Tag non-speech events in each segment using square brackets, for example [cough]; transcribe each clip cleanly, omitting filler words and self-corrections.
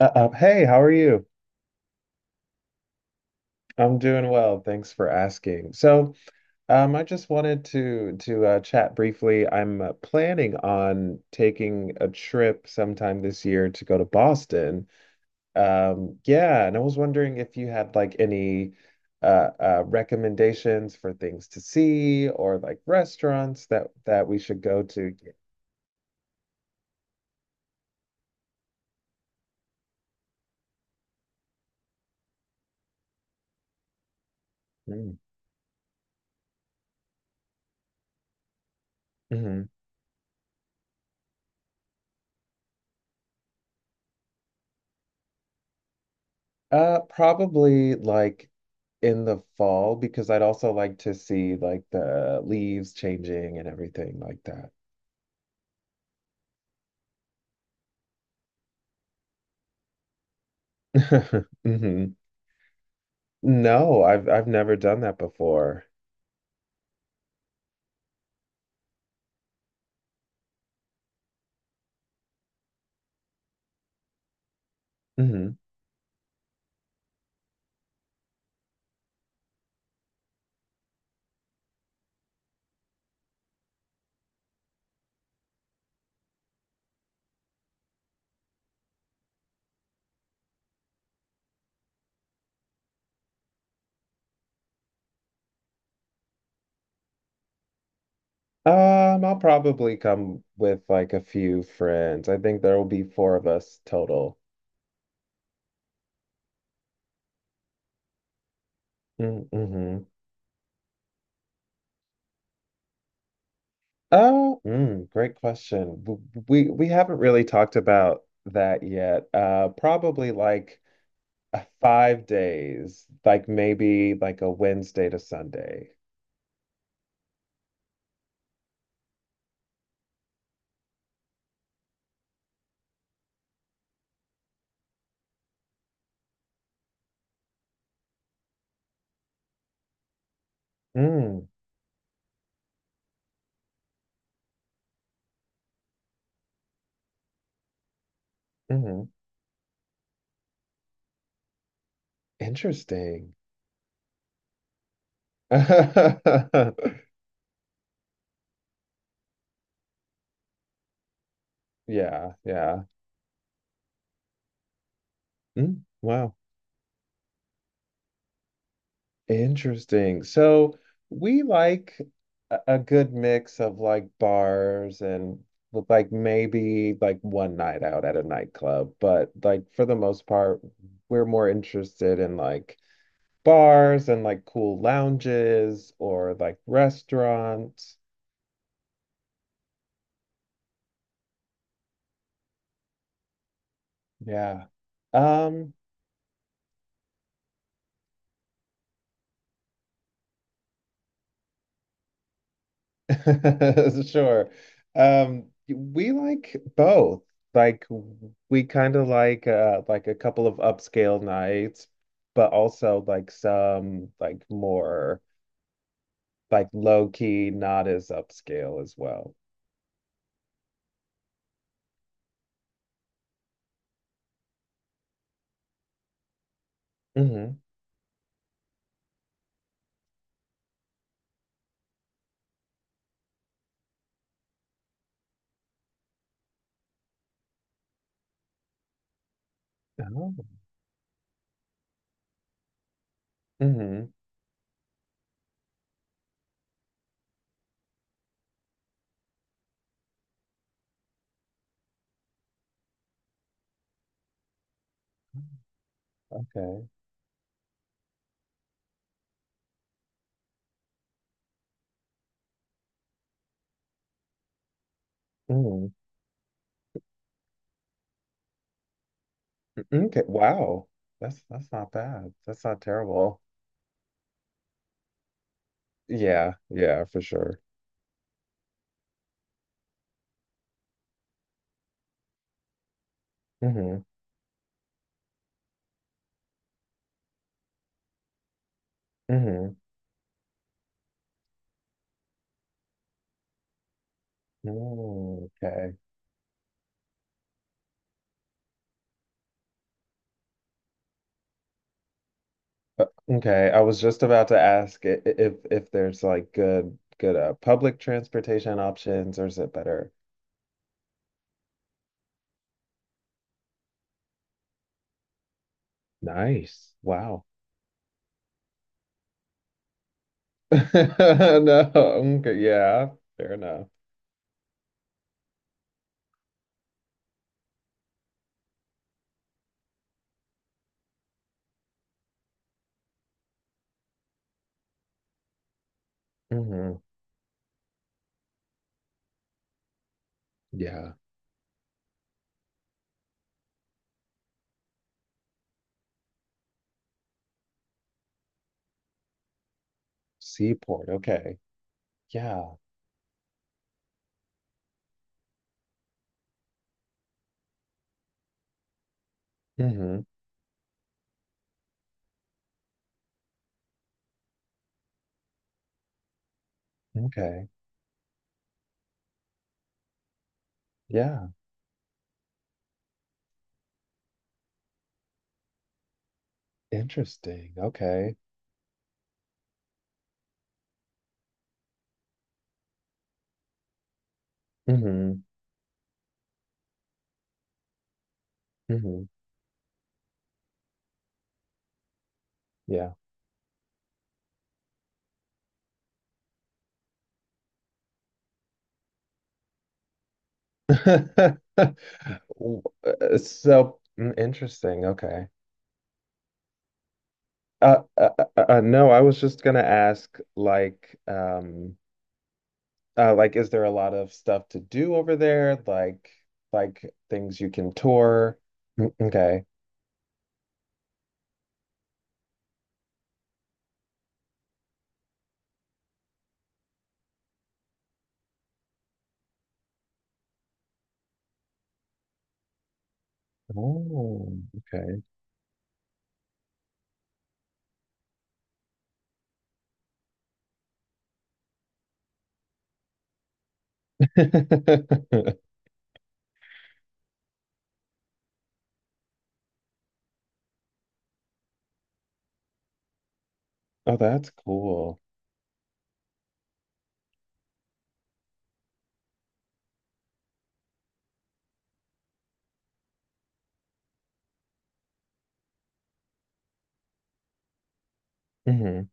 Hey, how are you? I'm doing well. Thanks for asking. I just wanted to chat briefly. I'm planning on taking a trip sometime this year to go to Boston. Yeah, and I was wondering if you had like any recommendations for things to see or like restaurants that we should go to. Hmm. Mm-hmm. Probably like in the fall because I'd also like to see like the leaves changing and everything like that. [laughs] Hmm. No, I've never done that before. Hmm. I'll probably come with like a few friends. I think there will be four of us total. Mm-hmm. Oh, great question. We haven't really talked about that yet. Probably like five days, like maybe like a Wednesday to Sunday. Mm. Hmm. Interesting. [laughs] Yeah, yeah. Mm, wow. Interesting. So we like a good mix of like bars and with, like maybe like one night out at a nightclub, but like for the most part, we're more interested in like bars and like cool lounges or like restaurants. Yeah. Um, [laughs] sure. We like both. Like we kind of like a couple of upscale nights, but also like some like more like low key, not as upscale as well. Mm-hmm. Oh. Mm-hmm. Okay. Mm. Mm-hmm. Okay. Wow. That's not bad. That's not terrible. Yeah, yeah, for sure. Mm-hmm. Mm-hmm. Mm, okay. Okay, I was just about to ask if there's like good good public transportation options or is it better? Nice. Wow. [laughs] No. Okay, yeah, fair enough. Hmm. Yeah. Seaport. Okay. Yeah. Hmm. Okay. Yeah. Interesting. Okay. Hmm. Hmm. Yeah. [laughs] So interesting. Okay. Uh, uh, no, I was just gonna ask, like, is there a lot of stuff to do over there? Like things you can tour? Mm, okay. Oh, okay. [laughs] Oh, that's cool. Hmm.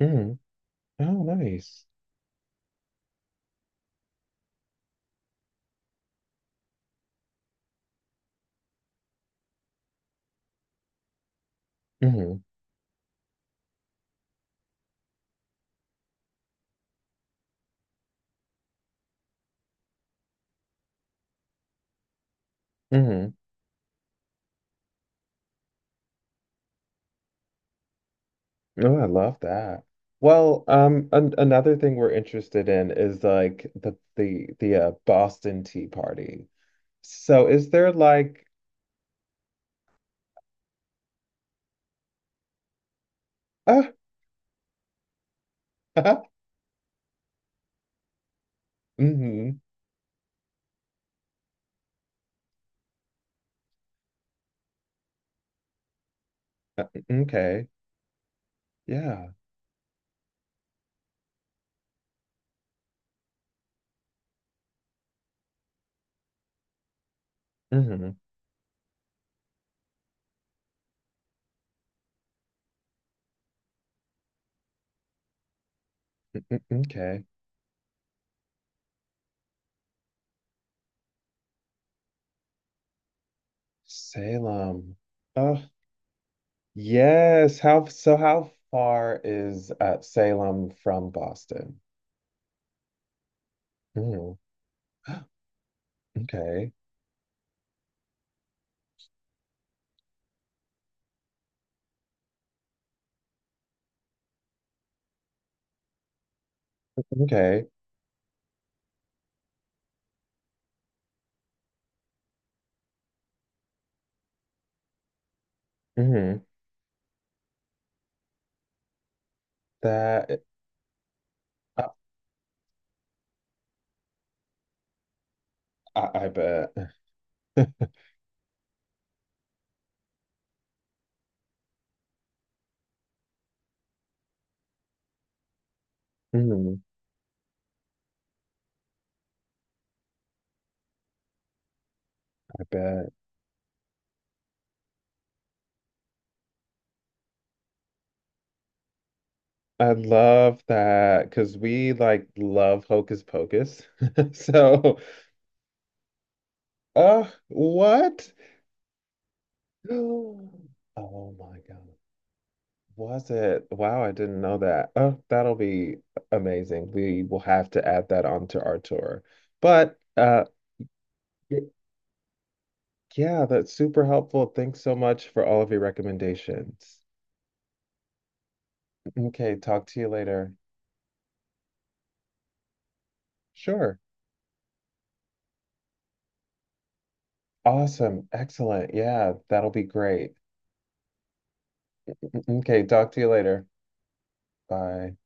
Hmm. Oh, nice. Hmm. Hmm. Oh, I love that. Well, an another thing we're interested in is like the Boston Tea Party. So, is there like, [laughs] ah, hmm. Okay. Yeah. Hmm. Okay. Salem. Oh, yes. How far is Salem from Boston? Hmm. [gasps] Okay. Okay. Hmm. That I, I bet. [sighs] Hmm. I bet. I love that because we like love Hocus Pocus. [laughs] So, what? [gasps] Oh my God. Was it? Wow, I didn't know that. Oh, that'll be amazing. We will have to add that onto our tour. But y- yeah, that's super helpful. Thanks so much for all of your recommendations. Okay, talk to you later. Sure. Awesome. Excellent. Yeah, that'll be great. Okay, talk to you later. Bye.